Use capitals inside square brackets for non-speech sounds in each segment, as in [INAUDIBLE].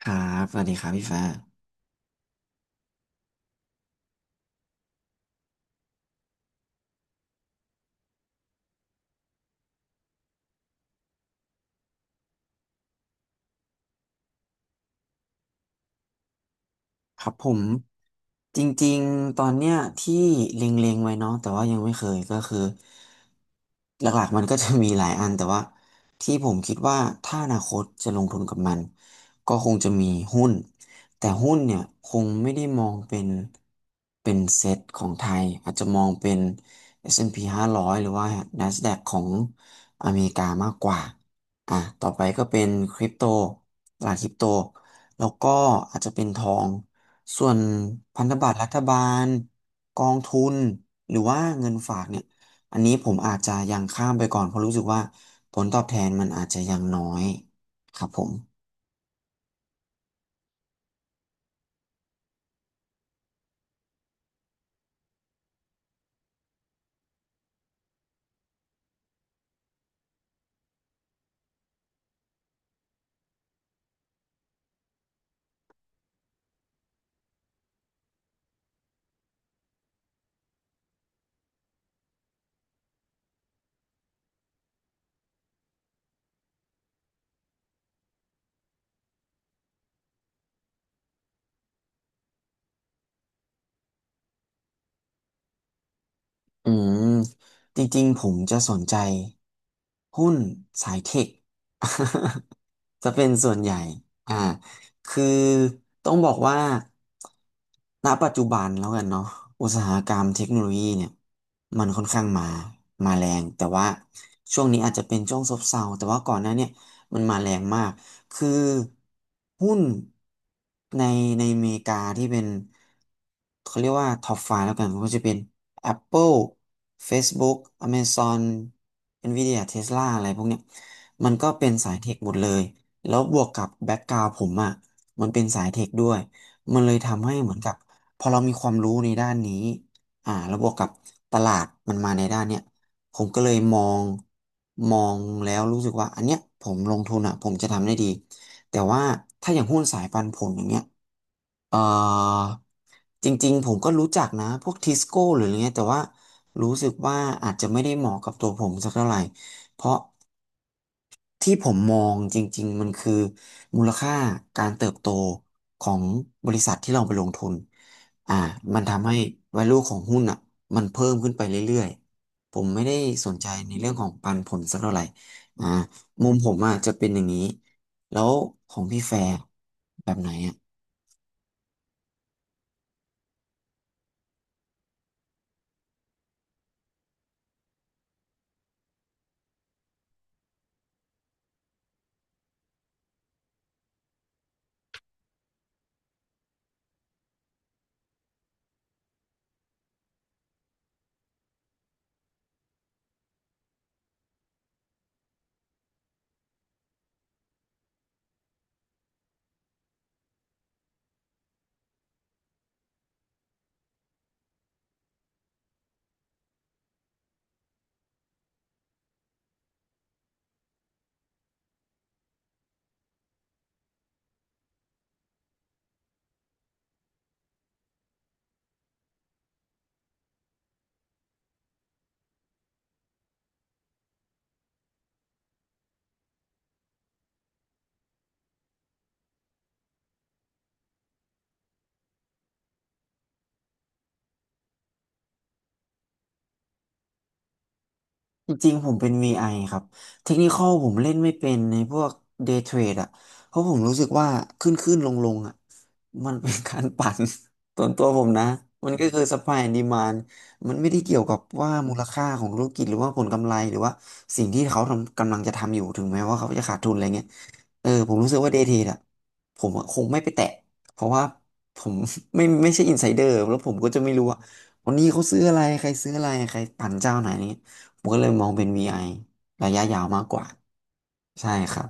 ครับสวัสดีครับพี่ฟ้าครับผม จริงๆ ตอนเนี้ยที่เล็งๆไว้เนาะแต่ว่ายังไม่เคยก็คือหลักๆมันก็จะมีหลายอันแต่ว่าที่ผมคิดว่าถ้าอนาคตจะลงทุนกับมันก็คงจะมีหุ้นแต่หุ้นเนี่ยคงไม่ได้มองเป็นเซตของไทยอาจจะมองเป็น S&P 500หารอยหรือว่า NASDAQ ของอเมริกามากกว่าอ่ะต่อไปก็เป็นคริปโตตลาดคริปโตแล้วก็อาจจะเป็นทอง ส่วนพันธบัตรรัฐบาลกองทุนหรือว่าเงินฝากเนี่ยอันนี้ผมอาจจะยังข้ามไปก่อนเพราะรู้สึกว่าผลตอบแทนมันอาจจะยังน้อยครับผม อืมจริงๆผมจะสนใจหุ้นสายเทค [LAUGHS] จะเป็นส่วนใหญ่อ่าคือต้องบอกว่าณปัจจุบันแล้วกันเนาะอุตสาหกรรมเทคโนโลยีเนี่ยมันค่อนข้างมาแรงแต่ว่าช่วงนี้อาจจะเป็นช่วงซบเซาแต่ว่าก่อนหน้าเนี่ยมันมาแรงมาก คือหุ้นในในอเมริกาที่เป็นเขาเรียกว่าท็อปไฟว์แล้วกันมันก็จะเป็น Apple Facebook Amazon Nvidia Tesla อะไรพวกเนี้ยมันก็เป็นสายเทคหมดเลยแล้วบวกกับแบ็กกราวด์ผมอ่ะมันเป็นสายเทคด้วยมันเลยทำให้เหมือนกับพอเรามีความรู้ในด้านนี้อ่าแล้วบวกกับตลาดมันมาในด้านเนี้ย ผมก็เลยมองแล้วรู้สึกว่าอันเนี้ยผมลงทุนอ่ะผมจะทำได้ดี แต่ว่าถ้าอย่างหุ้นสายปันผลอย่างเงี้ยเอ่อจริงๆผมก็รู้จักนะพวกทิสโก้หรืออะไรเงี้ยแต่ว่ารู้สึกว่าอาจจะไม่ได้เหมาะกับตัวผมสักเท่าไหร่เพราะ ที่ผมมองจริงๆมันคือมูลค่าการเติบโตของบริษัทที่เราไปลงทุนอ่ามันทำให้ value ของหุ้นอ่ะมันเพิ่มขึ้นไปเรื่อยๆผมไม่ได้สนใจในเรื่องของปันผลสักเท่าไหร่อ่ามุมผมอ่ะจะเป็นอย่างนี้แล้วของพี่แฟร์แบบไหนอ่ะ จริงๆผมเป็น VI ครับเทคนิคอลผมเล่นไม่เป็นในพวก Day Trade อ่ะเพราะผมรู้สึกว่าขึ้นขึ้นลงลงๆอ่ะมันเป็นการปั่น [LAUGHS] ส่วนตัวผมนะมันก็คือ supply and demand มันไม่ได้เกี่ยวกับว่ามูลค่าของธุรกิจหรือว่าผลกำไรหรือว่าสิ่งที่เขาทำกำลังจะทำอยู่ถึงแม้ว่าเขาจะขาดทุนอะไรเงี้ยเออผมรู้สึกว่า Day Trade อ่ะผมอะคงไม่ไปแตะเพราะว่าผม [LAUGHS] ไม่ [LAUGHS] ไม่ใช่ insider แล้วผมก็จะไม่รู้ว่าวันนี้เขาซื้ออะไรใครซื้ออะไรใครปั่นเจ้าไหน ผมก็เลยมองเป็น VI ระยะยาวมากกว่าใช่ครับ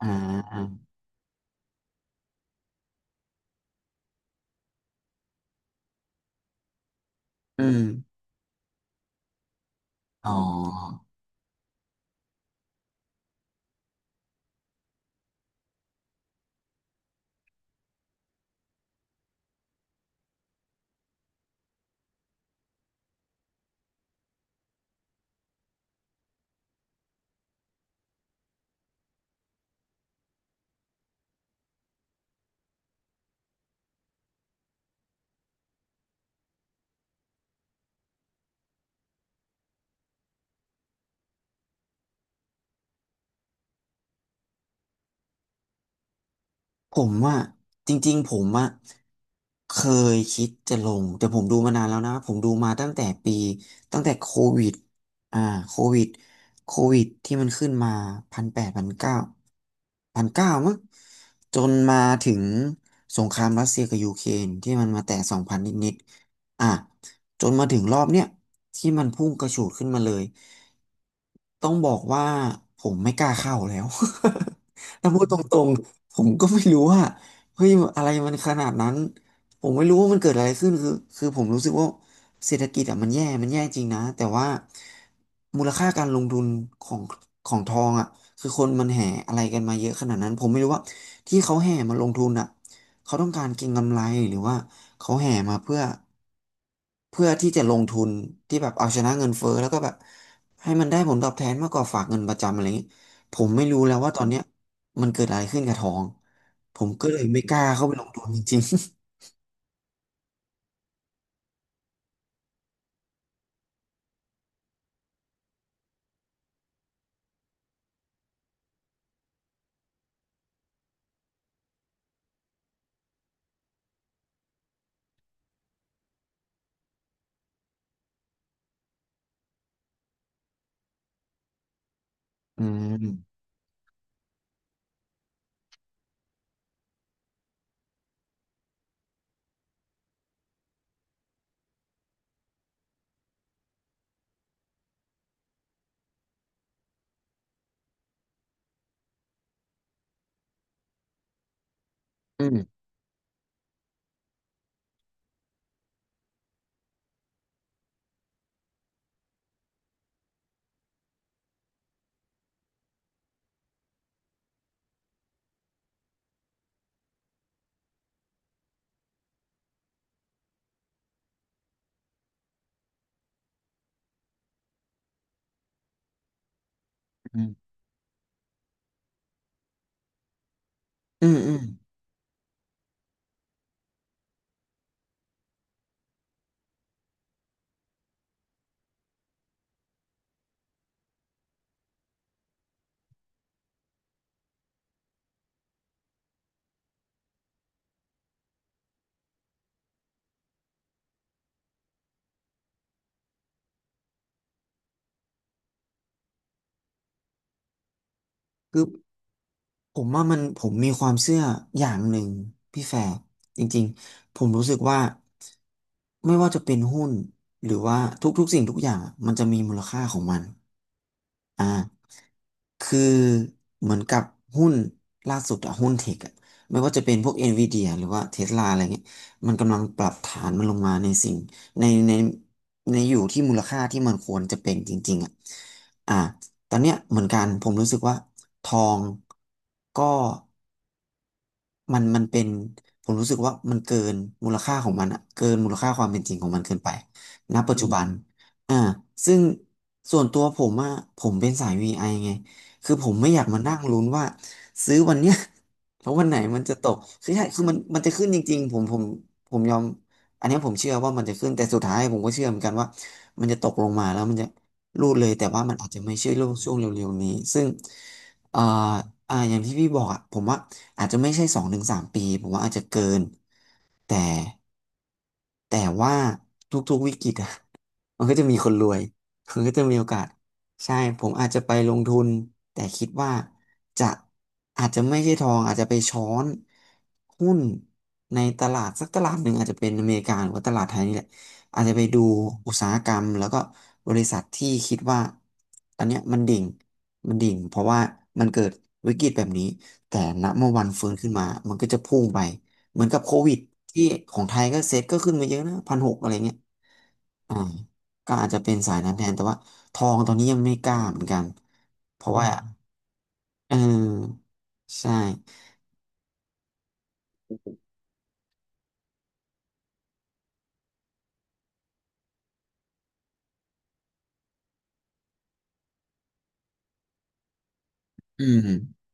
อ่าอาอืมอ๋อ ผมว่าจริงๆผมอะเคยคิดจะลงแต่ผมดูมานานแล้วนะผมดูมาตั้งแต่ปีตั้งแต่โควิดอ่าโควิดโควิดที่มันขึ้นมา1,800 1,900พันเก้ามั้งจนมาถึงสงครามรัสเซียกับยูเครนที่มันมาแตะ2,000นิดๆอ่ะจนมาถึงรอบเนี้ยที่มันพุ่งกระฉูดขึ้นมาเลยต้องบอกว่าผมไม่กล้าเข้าแล้ว [LAUGHS] ถ้าพูดตรง ผมก็ไม่รู้ว่าเฮ้ยอะไรมันขนาดนั้นผมไม่รู้ว่ามันเกิดอะไรขึ้นคือผมรู้สึกว่าเศรษฐกิจอ่ะมันแย่มันแย่จริงนะแต่ว่ามูลค่าการลงทุนของของทองอ่ะคือคนมันแห่อะไรกันมาเยอะขนาดนั้นผมไม่รู้ว่าที่เขาแห่มาลงทุนอ่ะเขาต้องการเก็งกำไรหรือว่าเขาแห่มาเพื่อ เพื่อที่จะลงทุนที่แบบเอาชนะเงินเฟ้อแล้วก็แบบให้มันได้ผลตอบแทนมากกว่าฝากเงินประจำอะไรเงี้ยผมไม่รู้แล้วว่าตอนเนี้ยมันเกิดอะไรขึ้นกับทองผมก็เลยไม่กล้าเข้าไปลงทุนจริงๆ [LAUGHS] มอืมอืมอืมอืมคือผมว่ามันผมมีความเชื่ออย่างหนึ่งพี่แฟร์จริงๆผมรู้สึกว่าไม่ว่าจะเป็นหุ้นหรือว่าทุกๆสิ่งทุกอย่างมันจะมีมูลค่าของมัน อ่าคือเหมือนกับหุ้นล่าสุดอะหุ้นเทคอะไม่ว่าจะเป็นพวกเอ็นวีดีหรือว่าเทสลาอะไรเงี้ยมันกำลังปรับฐานมันลงมาในสิ่งในในอยู่ที่มูลค่าที่มันควรจะเป็นจริงๆอะอ่าตอนเนี้ยเหมือนกันผมรู้สึกว่าทองก็ มันเป็นผมรู้สึกว่ามันเกินมูลค่าของมันอะเกินมูลค่าความเป็นจริงของมันเกินไปณปัจจุบันอ่าซึ่งส่วนตัวผมอะผมเป็นสาย VI ไอไงคือผมไม่อยากมานั่งลุ้นว่าซื้อวันเนี้ย [LAUGHS] แล้ววันไหนมันจะตกคือใช่คือมันจะขึ้นจริงๆผมผมยอมอันเนี้ยผมเชื่อว่ามันจะขึ้นแต่สุดท้ายผมก็เชื่อเหมือนกันว่ามันจะตกลงมาแล้วมันจะรูดเลยแต่ว่ามันอาจจะไม่ใช่ช่วงเร็วๆนี้ซึ่ง เอ่ออ่าอย่างที่พี่บอกอ่ะผมว่าอาจจะไม่ใช่สองถึงสามปีผมว่าอาจจะเกิน แต่แต่ว่าทุกๆวิกฤตอะ [LAUGHS] มันก็จะมีคนรวยมันก็จะมีโอกาสใช่ผมอาจจะไปลงทุนแต่คิดว่าจะอาจจะไม่ใช่ทองอาจจะไปช้อนหุ้นในตลาดสักตลาดหนึ่งอาจจะเป็นอเมริกาหรือว่าตลาดไทยนี่แหละอาจจะไปดูอุตสาหกรรมแล้วก็บริษัทที่คิดว่าตอนเนี้ยมันดิ่งมันดิ่งเพราะว่ามันเกิดวิกฤตแบบนี้แต่ณเมื่อวันฟื้นขึ้นมามันก็จะพุ่งไป เหมือนกับโควิดที่ของไทยก็เซ็ตก็ขึ้นมาเยอะนะพันหกอะไรเงี้ยอ่าก็อาจจะเป็นสายนั้นแทนแต่ว่าทองตอนนี้ยังไม่กล้าเหมือนกัน เพราะว่าเออ ใช่ อืม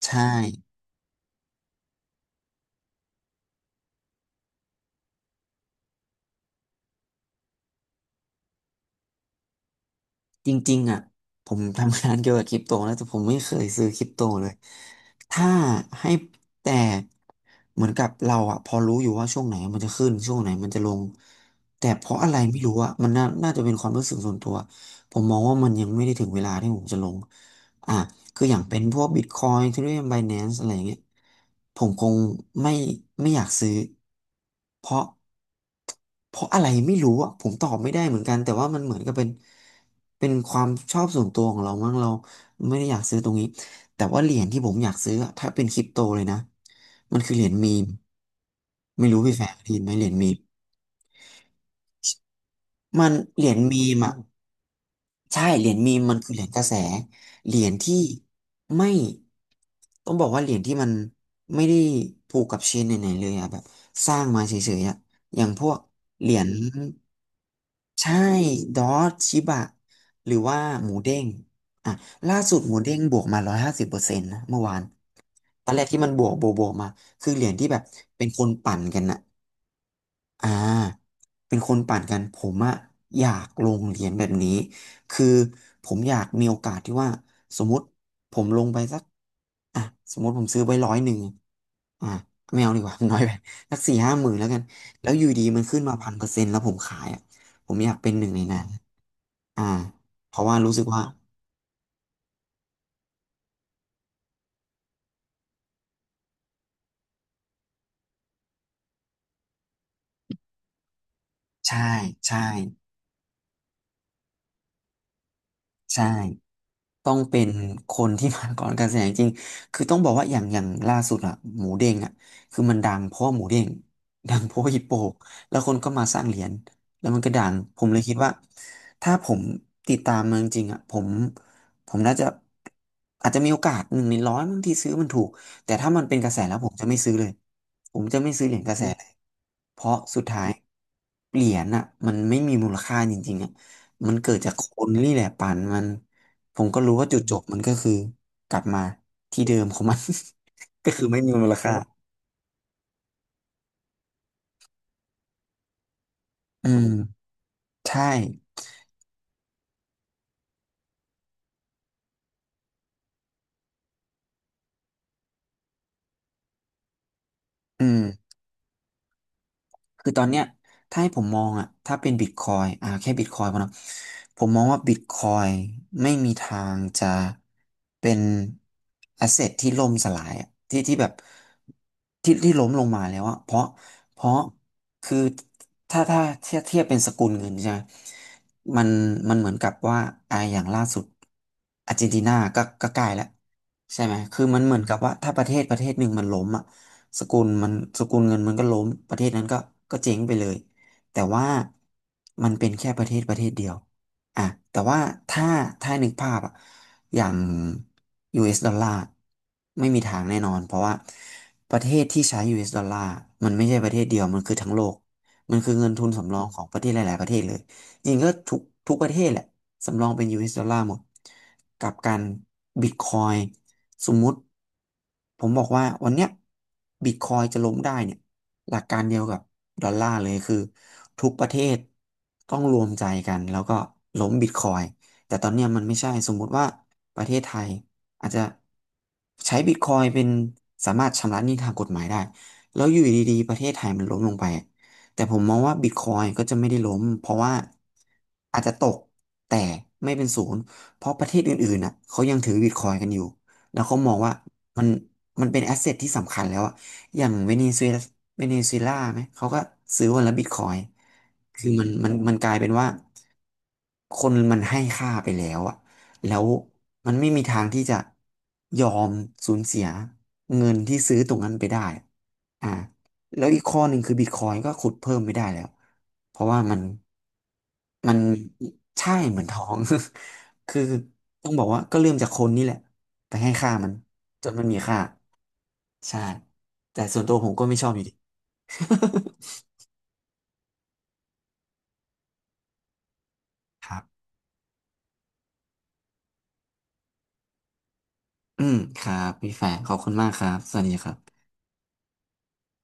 ใช่ จริงๆอ่ะผมทำงานเกี่ยวกับคริปโตนะแต่ผมไม่เคยซื้อคริปโตเลยถ้าให้แต่เหมือนกับเราอ่ะพอรู้อยู่ว่าช่วงไหนมันจะขึ้นช่วงไหนมันจะลงแต่เพราะอะไรไม่รู้อ่ะมันน่าจะเป็นความรู้สึกส่วนตัวผมมองว่ามันยังไม่ได้ถึงเวลาที่ผมจะลง อ่าคืออย่างเป็นพวก Bitcoin Ethereum Binance อะไรอย่างเงี้ยผมคงไม่ไม่อยากซื้อเพราะเพราะอะไรไม่รู้อ่ะผมตอบไม่ได้เหมือนกันแต่ว่ามันเหมือนกับเป็นความชอบส่วนตัวของเรามั้งเราไม่ได้อยากซื้อตรงนี้แต่ว่าเหรียญที่ผมอยากซื้ออะถ้าเป็นคริปโตเลยนะมันคือเหรียญมีมไม่รู้พี่แฟร์ได้ยินไหมเหรียญมีมมันเหรียญมีมอ่ะ ใช่เหรียญมีมมันคือเหรียญกระแสเหรียญที่ไม่ต้องบอกว่าเหรียญที่มันไม่ได้ผูกกับเชนไหนๆเลยอะแบบสร้างมาเฉยๆอะอย่างพวกเหรียญใช่ดอทชิบะหรือว่าหมูเด้งอ่ะล่าสุดหมูเด้งบวกมา150%นะเมื่อวานตอนแรกที่มันบวกบวกมาคือเหรียญที่แบบเป็นคนปั่นกันอะ อ่าเป็นคนปั่นกันผมอะอยากลงเหรียญแบบนี้คือผมอยากมีโอกาสที่ว่าสมมติผมลงไปสักอ่ะสมมติผมซื้อไว้ร้อยหนึ่งอ่ะไม่เอาดีกว่า [LAUGHS] น้อยไปสักสี่ห้าหมื่นแล้วกันแล้วอยู่ดีมันขึ้นมา1000%แล้วผมขายอ่ะผมอยากเป็นหนึ่งในนั้นอ่าเพราะว่ารู้สึกว่าใช่ใช่ใช่ ต้องเป็นคนที่มาก่อนการแสดงจริง [LAUGHS] คือต้องบอกว่าอย่างล่าสุดอะหมูเด้งอะคือมันดังเพราะว่าหมูเด้ง [LAUGHS] ดังเพราะว่าฮิปโปแล้วคนก็มาสร้างเหรียญแล้วมันก็ดังผมเลยคิดว่าถ้าผมติดตามมันจริงๆอะผมน่าจะอาจจะมีโอกาสหนึ่งในร้อยบางที่ซื้อมันถูกแต่ถ้ามันเป็นกระแสแล้วผมจะไม่ซื้อเลยผมจะไม่ซื้อเหรียญกระแสเลยเพราะสุดท้ายเหรียญอะมันไม่มีมูลค่าจริงๆอะมันเกิดจากคนนี่แหละปั่นมัน ผมก็รู้ว่าจุดจบมันก็คือกลับมาที่เดิมของมัน [LAUGHS] ก็คือไม่มีมูลค่าอืมใช่อืม คือตอนเนี้ยถ้าให้ผมมองอ่ะถ้าเป็นบิตคอยอ่าแค่บิตคอยพอเนอะผมมองว่าบิตคอยไม่มีทางจะเป็นแอสเซทที่ล่มสลายอะที่แบบที่ล้มลงมาแล้วอะเพราะเพราะคือถ้าเทียบเป็นสกุลเงินใช่ไหมมันมันเหมือนกับว่าอ่าอย่างล่าสุดอาร์เจนตินาก็ใกล้แล้วใช่ไหมคือมันเหมือนกับว่าถ้าประเทศหนึ่งมันล้มอ่ะ สกุลมันสกุลเงินมันก็ล้มประเทศนั้นก็ก็เจ๊งไปเลยแต่ว่ามันเป็นแค่ประเทศเดียวอ่ะแต่ว่าถ้าถ้านึกภาพอ่ะอย่าง US ดอลลาร์ไม่มีทางแน่นอนเพราะว่าประเทศที่ใช้ US ดอลลาร์มันไม่ใช่ประเทศเดียวมันคือทั้งโลกมันคือเงินทุนสำรองของประเทศหลายๆประเทศเลยจริงก็ทุกประเทศแหละสำรองเป็น US ดอลลาร์หมดกับการบิตคอย สมมุติผมบอกว่าวันเนี้ยบิตคอยจะล้มได้เนี่ยหลักการเดียวกับดอลลาร์เลยคือทุกประเทศต้องรวมใจกันแล้วก็ล้มบิตคอยแต่ตอนเนี้ยมันไม่ใช่สมมุติว่าประเทศไทยอาจจะใช้บิตคอยเป็นสามารถชำระหนี้ทางกฎหมายได้แล้วอยู่ดีๆประเทศไทยมันล้มลงไปแต่ผมมองว่าบิตคอยก็จะไม่ได้ล้มเพราะว่าอาจจะตกแต่ไม่เป็นศูนย์เพราะประเทศอื่นๆน่ะเขายังถือบิตคอยกันอยู่ แล้วเขามองว่ามันมันเป็นแอสเซทที่สำคัญแล้วอะอย่างเวเนซุเอลาเวเนซุเอลาไหมเขาก็ซื้อวันละบิตคอยน์คือมันมันกลายเป็นว่า คนมันให้ค่าไปแล้วอะแล้วมันไม่มีทางที่จะยอมสูญเสียเงินที่ซื้อตรงนั้นไปได้อ่าแล้วอีกข้อหนึ่งคือบิตคอยก็ขุดเพิ่มไม่ได้แล้ว เพราะว่ามันมันใช่เหมือนทอง [LAUGHS] คือต้องบอกว่าก็เริ่มจากคนนี่แหละไปให้ค่ามันจนมันมีค่าใช่แต่ส่วนตัวผมก็ไม่ชอบอยู่ดี [LAUGHS] ครับ อืมครับพี่แฟร์ขอบคุณมากครับ สวัสดีครับ